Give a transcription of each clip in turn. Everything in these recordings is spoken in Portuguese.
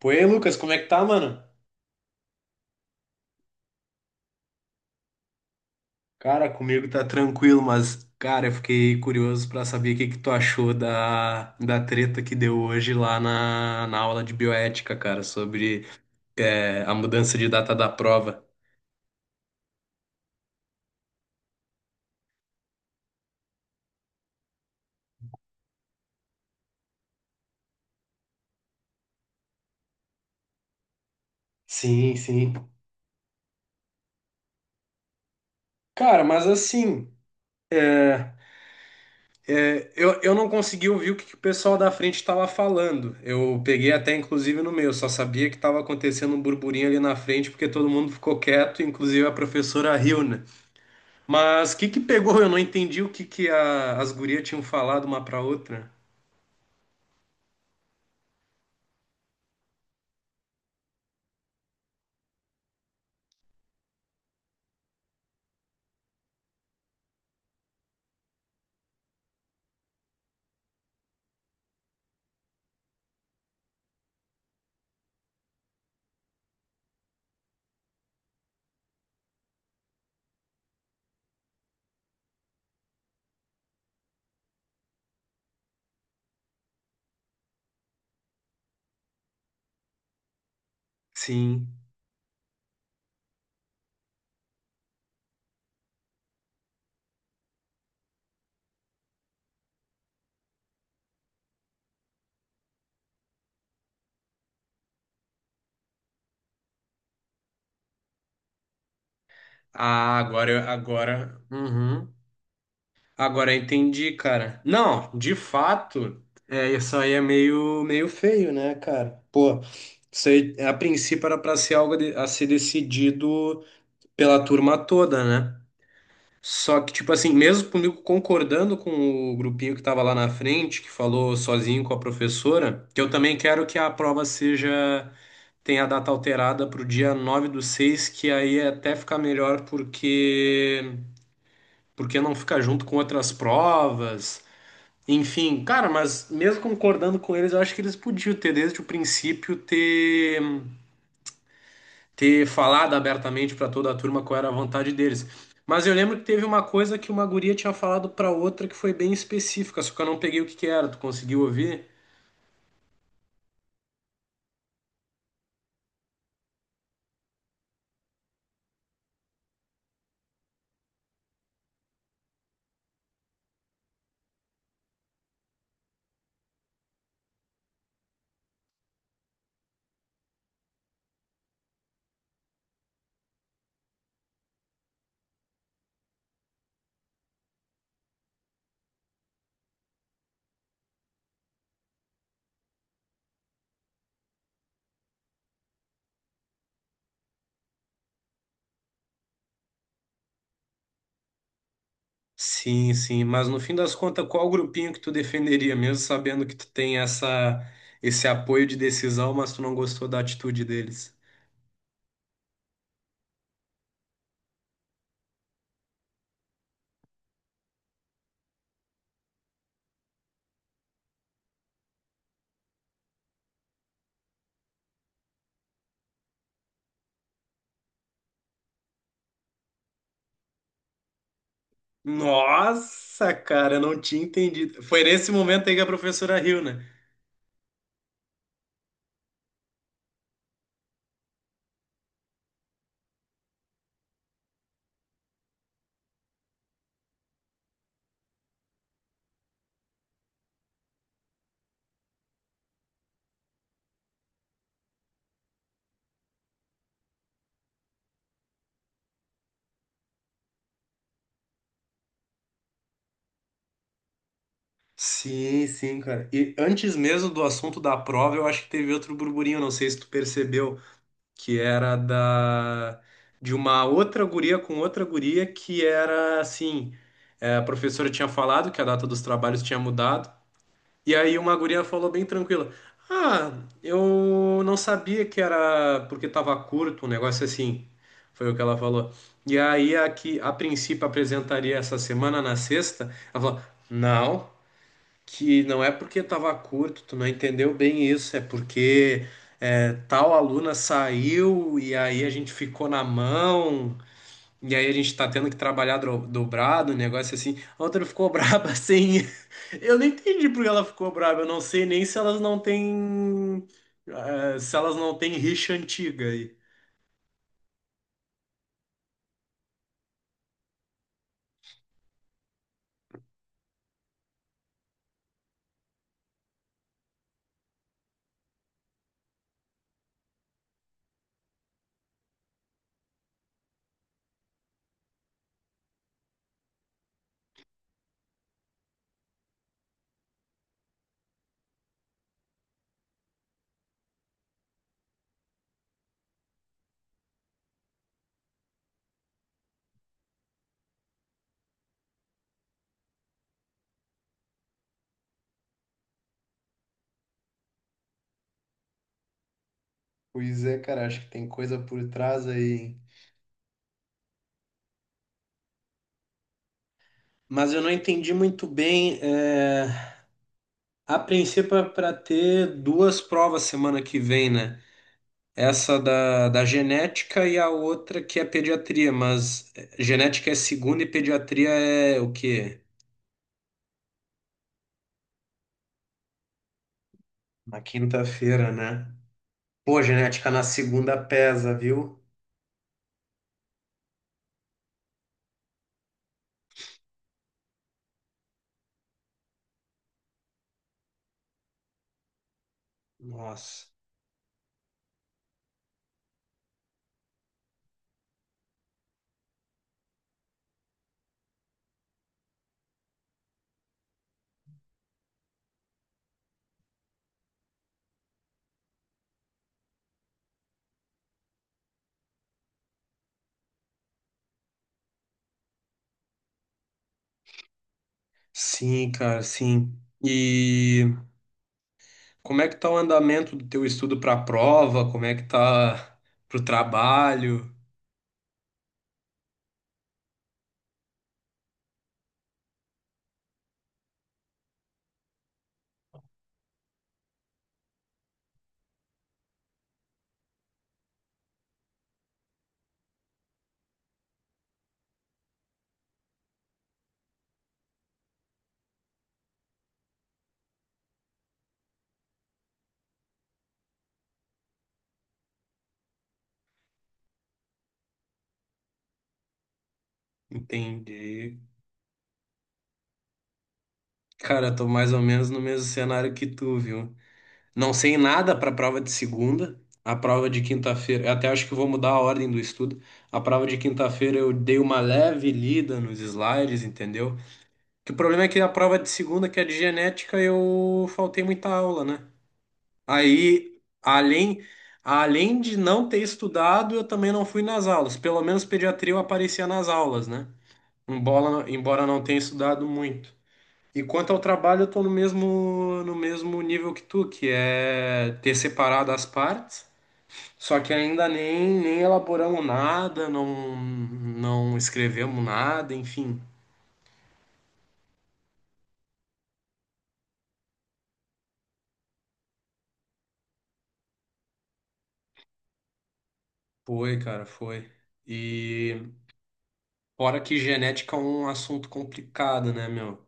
Pô, e aí, Lucas, como é que tá, mano? Cara, comigo tá tranquilo, mas, cara, eu fiquei curioso pra saber o que que tu achou da treta que deu hoje lá na aula de bioética, cara, sobre a mudança de data da prova. Sim, sim. Cara, mas assim, eu não consegui ouvir que o pessoal da frente estava falando. Eu peguei até, inclusive, no meu, só sabia que estava acontecendo um burburinho ali na frente porque todo mundo ficou quieto, inclusive a professora riu, né? Mas o que que pegou? Eu não entendi o que que as gurias tinham falado uma pra outra. Sim. Uhum. Agora eu entendi, cara. Não, de fato, isso aí é meio, meio feio, né, cara? Pô, isso aí, a princípio era pra ser a ser decidido pela turma toda, né? Só que, tipo assim, mesmo comigo concordando com o grupinho que tava lá na frente, que falou sozinho com a professora, que eu também quero que a prova seja tem a data alterada para o dia 9 do 6 que aí é até fica melhor porque não fica junto com outras provas. Enfim, cara, mas mesmo concordando com eles, eu acho que eles podiam ter desde o princípio ter falado abertamente para toda a turma qual era a vontade deles. Mas eu lembro que teve uma coisa que uma guria tinha falado para outra que foi bem específica, só que eu não peguei o que que era. Tu conseguiu ouvir? Sim, sim, mas no fim das contas, qual grupinho que tu defenderia, mesmo sabendo que tu tem esse apoio de decisão, mas tu não gostou da atitude deles? Nossa, cara, eu não tinha entendido. Foi nesse momento aí que a professora riu, né? Sim, sim, cara. E antes mesmo do assunto da prova, eu acho que teve outro burburinho, não sei se tu percebeu, que era da de uma outra guria com outra guria que era assim, a professora tinha falado que a data dos trabalhos tinha mudado. E aí uma guria falou bem tranquila: Ah, eu não sabia que era porque tava curto, um negócio assim. Foi o que ela falou. E aí a que a princípio apresentaria essa semana na sexta, ela falou: Não, que não é porque tava curto, tu não entendeu bem isso, é porque tal aluna saiu e aí a gente ficou na mão. E aí a gente tá tendo que trabalhar dobrado, um negócio assim. A outra ficou braba assim. Eu não entendi por que ela ficou braba. Eu não sei nem se elas não têm. Se elas não têm rixa antiga aí. Pois é, cara, acho que tem coisa por trás aí, hein? Mas eu não entendi muito bem. A princípio é para ter 2 provas semana que vem, né? Essa da genética e a outra que é pediatria. Mas genética é segunda e pediatria é o quê? Na quinta-feira, né? Pô, genética na segunda pesa, viu? Nossa. Sim, cara, sim. E como é que tá o andamento do teu estudo para a prova? Como é que tá pro trabalho? Entendi. Cara, tô mais ou menos no mesmo cenário que tu, viu? Não sei nada para a prova de segunda. A prova de quinta-feira, eu até acho que vou mudar a ordem do estudo. A prova de quinta-feira eu dei uma leve lida nos slides, entendeu? Que o problema é que a prova de segunda, que é de genética, eu faltei muita aula, né? Aí, além, Além de não ter estudado, eu também não fui nas aulas. Pelo menos pediatria eu aparecia nas aulas, né? Embora não tenha estudado muito. E quanto ao trabalho, eu tô no mesmo nível que tu, que é ter separado as partes, só que ainda nem, nem elaboramos nada, não escrevemos nada, enfim. Foi, cara, foi. E fora que genética é um assunto complicado, né, meu?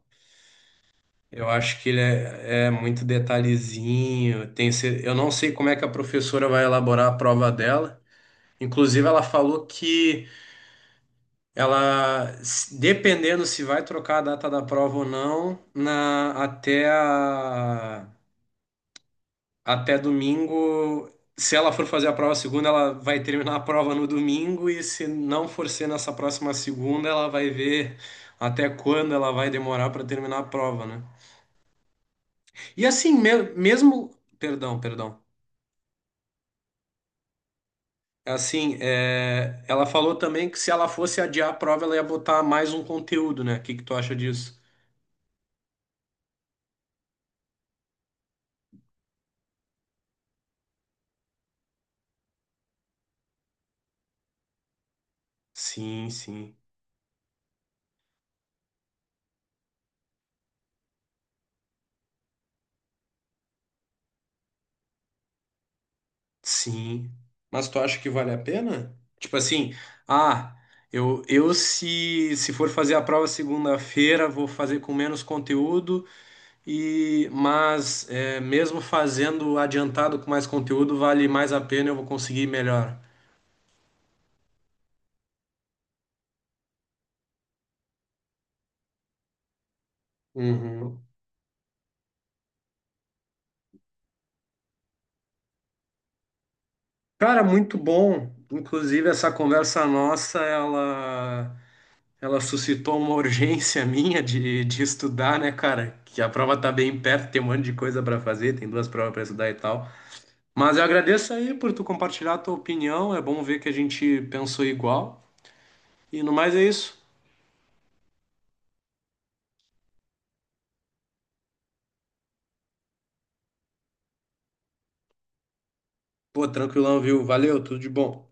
Eu acho que ele é muito detalhezinho. Tem, eu não sei como é que a professora vai elaborar a prova dela. Inclusive, ela falou que ela, se- dependendo se vai trocar a data da prova ou não, até até domingo. Se ela for fazer a prova segunda, ela vai terminar a prova no domingo, e se não for ser nessa próxima segunda, ela vai ver até quando ela vai demorar para terminar a prova, né? E assim, mesmo. Perdão, perdão. É assim, é, ela falou também que se ela fosse adiar a prova, ela ia botar mais um conteúdo, né? O que que tu acha disso? Sim, sim. Sim. Mas tu acha que vale a pena? Tipo assim, ah, eu se, se for fazer a prova segunda-feira, vou fazer com menos conteúdo, e mas é, mesmo fazendo adiantado com mais conteúdo, vale mais a pena, eu vou conseguir melhor. Uhum. Cara, muito bom. Inclusive, essa conversa nossa, ela suscitou uma urgência minha de estudar, né, cara? Que a prova tá bem perto, tem um monte de coisa para fazer, tem 2 provas para estudar e tal. Mas eu agradeço aí por tu compartilhar a tua opinião. É bom ver que a gente pensou igual. E no mais é isso. Pô, tranquilão, viu? Valeu, tudo de bom.